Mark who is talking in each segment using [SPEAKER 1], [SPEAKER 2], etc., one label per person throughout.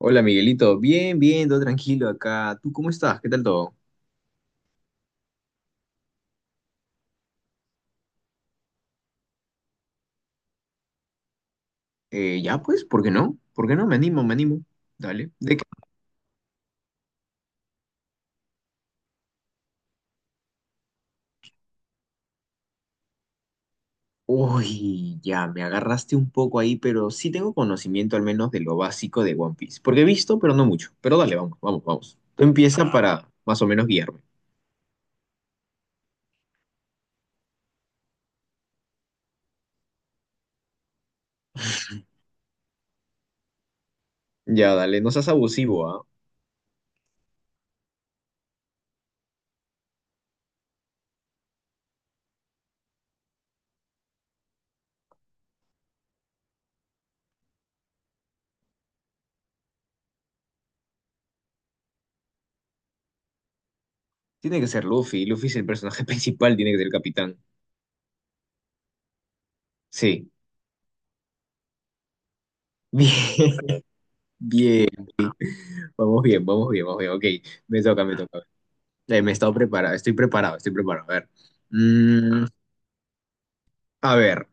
[SPEAKER 1] Hola Miguelito, bien, bien, todo tranquilo acá. ¿Tú cómo estás? ¿Qué tal todo? Ya pues, ¿por qué no? ¿Por qué no? Me animo, me animo. Dale. ¿De qué? Uy, ya, me agarraste un poco ahí, pero sí tengo conocimiento al menos de lo básico de One Piece. Porque he visto, pero no mucho. Pero dale, vamos, vamos, vamos. Tú empieza para más o menos guiarme. Ya, dale, no seas abusivo, ¿ah? Tiene que ser Luffy. Luffy es el personaje principal, tiene que ser el capitán. Sí. Bien, bien. Vamos bien, vamos bien, vamos bien. Ok, me toca, me toca. Me he estado preparado, estoy preparado, estoy preparado. A ver. Mm, a ver,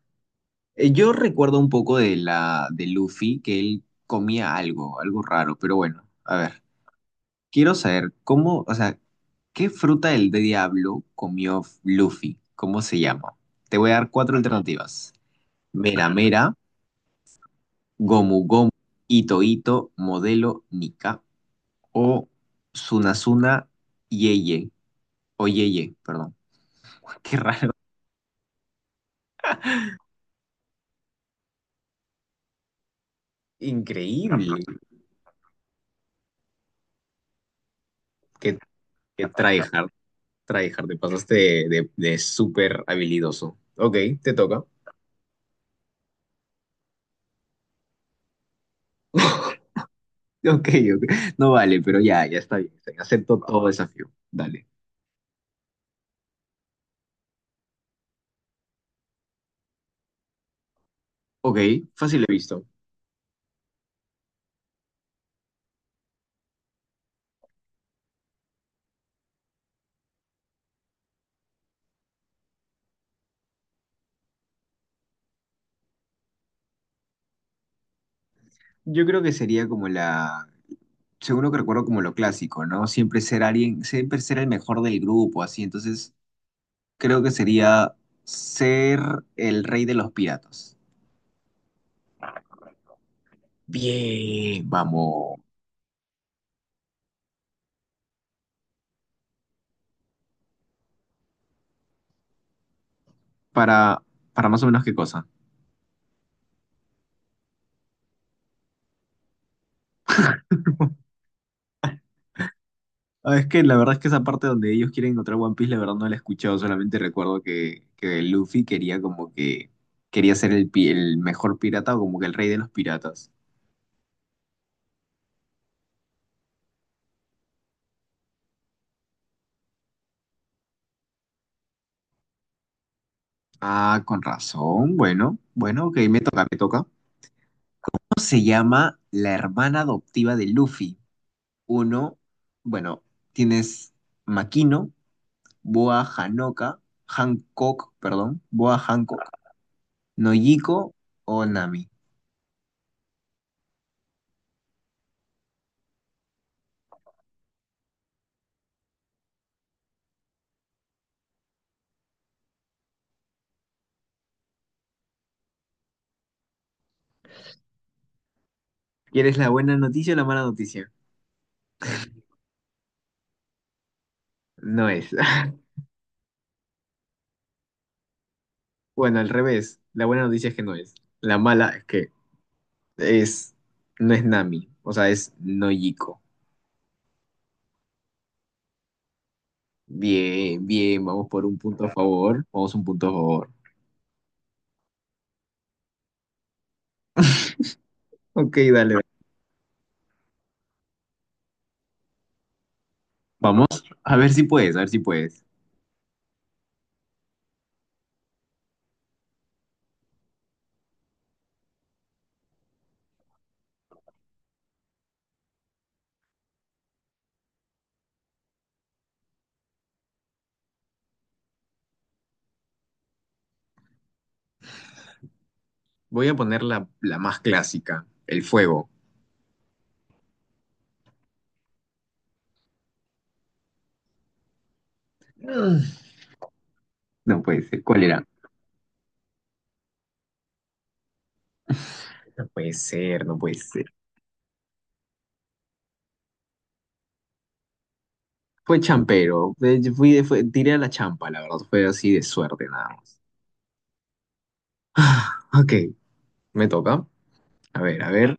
[SPEAKER 1] yo recuerdo un poco de la de Luffy que él comía algo, algo raro, pero bueno, a ver. Quiero saber cómo, o sea, ¿qué fruta del diablo comió Luffy? ¿Cómo se llama? Te voy a dar cuatro alternativas. Mera Mera, Gomu Gomu, Ito Ito, Modelo Nika o Sunasuna Yeye o Yeye, perdón. Qué raro. Increíble. Que Qué tryhard, tryhard, te pasaste de súper habilidoso. Ok, te toca. Ok, ok. No vale, pero ya, ya está bien. Está bien. Acepto todo desafío. Dale. Ok, fácil he visto. Yo creo que sería como la, seguro que recuerdo como lo clásico, ¿no? Siempre ser alguien, siempre ser el mejor del grupo, así. Entonces, creo que sería ser el rey de los piratas. Bien, vamos. Para, para más o menos qué cosa. Ah, es que la verdad es que esa parte donde ellos quieren encontrar One Piece, la verdad no la he escuchado, solamente recuerdo que Luffy quería como que quería ser el, pi- el mejor pirata o como que el rey de los piratas. Ah, con razón, bueno, bueno, ok, me toca, me toca. ¿Cómo se llama la hermana adoptiva de Luffy? Uno, bueno, tienes Makino, Boa Hanoka, Hancock, perdón, Boa Hancock, Nojiko o Nami. ¿Quieres la buena noticia o la mala noticia? No es. Bueno, al revés. La buena noticia es que no es. La mala es que es, no es Nami, o sea, es Nojiko. Bien, bien, vamos por un punto a favor. Vamos un punto a favor. Ok, dale. Vamos. A ver si puedes, a ver si puedes. Voy a poner la, la más clásica, el fuego. Mm, No puede ser. ¿Cuál era? No puede ser, no puede ser. Fue champero. Yo tiré a la champa, la verdad. Fue así de suerte, nada más. Ok, me toca. A ver, a ver.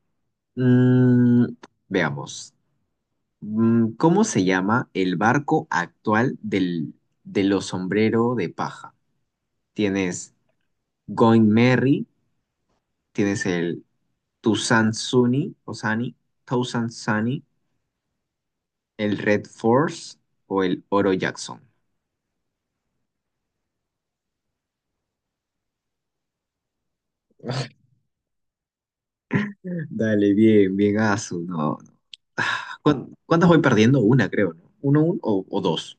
[SPEAKER 1] Mm, Veamos. ¿Cómo se llama el barco actual de los sombrero de paja? Tienes Going Merry, tienes el Tucson Sunny, o Sunny, Tucson Sunny, el Red Force o el Oro Jackson. Dale, bien, bien, Asu. No, no. Ah, ¿Cuántas voy perdiendo? Una, creo, ¿no? ¿Uno, o dos?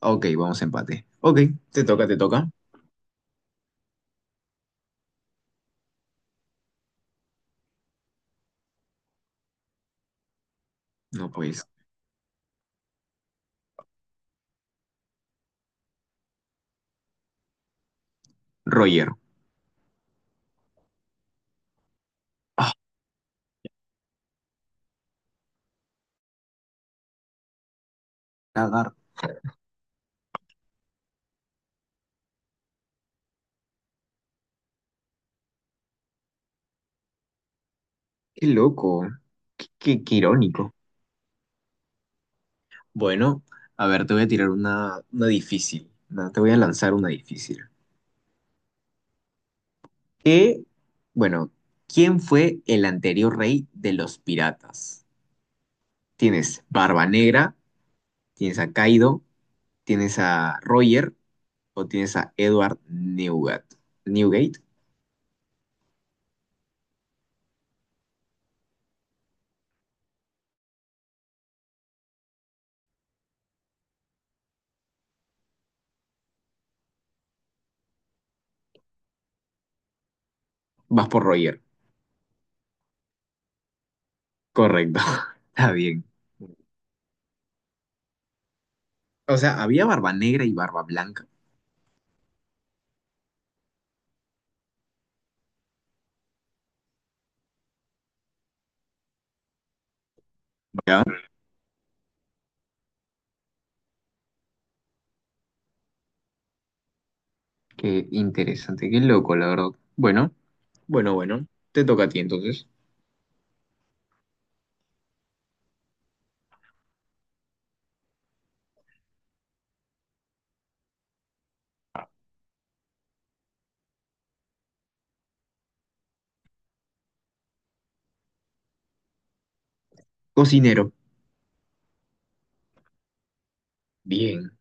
[SPEAKER 1] Ok, vamos a empate. Ok, te toca, te toca. No, pues, Roger. Ah, qué loco, qué, qué irónico. Bueno, a ver, te voy a tirar una difícil. ¿No? Te voy a lanzar una difícil. ¿Qué? Bueno, ¿quién fue el anterior rey de los piratas? ¿Tienes Barba Negra? ¿Tienes a Kaido? ¿Tienes a Roger? ¿O tienes a Edward Newgate? ¿Newgate? Vas por Roger. Correcto. Está bien. O sea, había Barba Negra y Barba Blanca. ¿Ya? Qué interesante, qué loco, la verdad. Bueno. Bueno, bueno, te toca a ti entonces. Cocinero. Bien,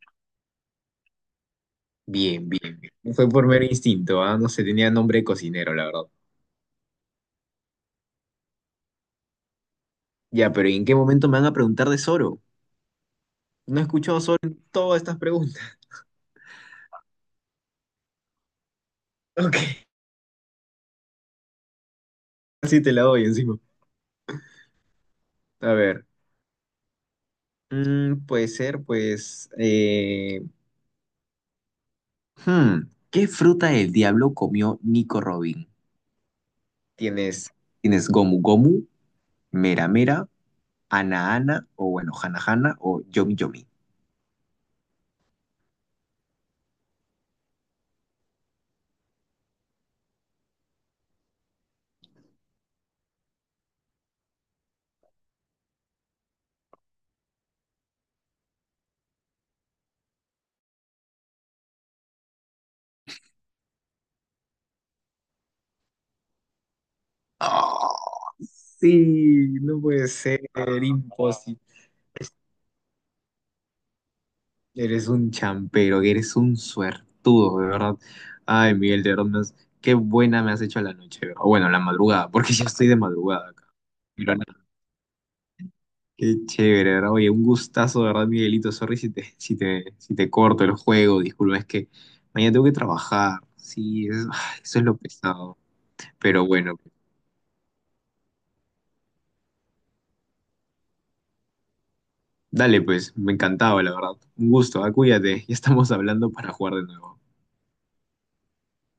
[SPEAKER 1] bien, bien. Bien. Fue por mero instinto, ¿ah? No se tenía nombre de cocinero, la verdad. Ya, pero ¿en qué momento me van a preguntar de Zoro? No he escuchado Zoro en todas estas preguntas. Ok, así te la doy encima. A ver, puede ser, pues... hmm, ¿qué fruta del diablo comió Nico Robin? Tienes, tienes Gomu Gomu, Mera Mera, Ana Ana, o bueno, Hana Hana, o Yomi Yomi. Oh, sí, no puede ser, imposible. Eres un champero, eres un suertudo, de verdad. Ay, Miguel, de verdad, qué buena me has hecho la noche, ¿de verdad? O bueno, la madrugada, porque ya estoy de madrugada acá. Pero nada, qué chévere, ¿de verdad? Oye, un gustazo, ¿de verdad, Miguelito? Sorry si te corto el juego, disculpa, es que mañana tengo que trabajar. Sí, ay, eso es lo pesado. Pero bueno, dale, pues, me encantaba, la verdad. Un gusto, ah, cuídate, ya estamos hablando para jugar de nuevo.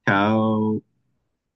[SPEAKER 1] Chao.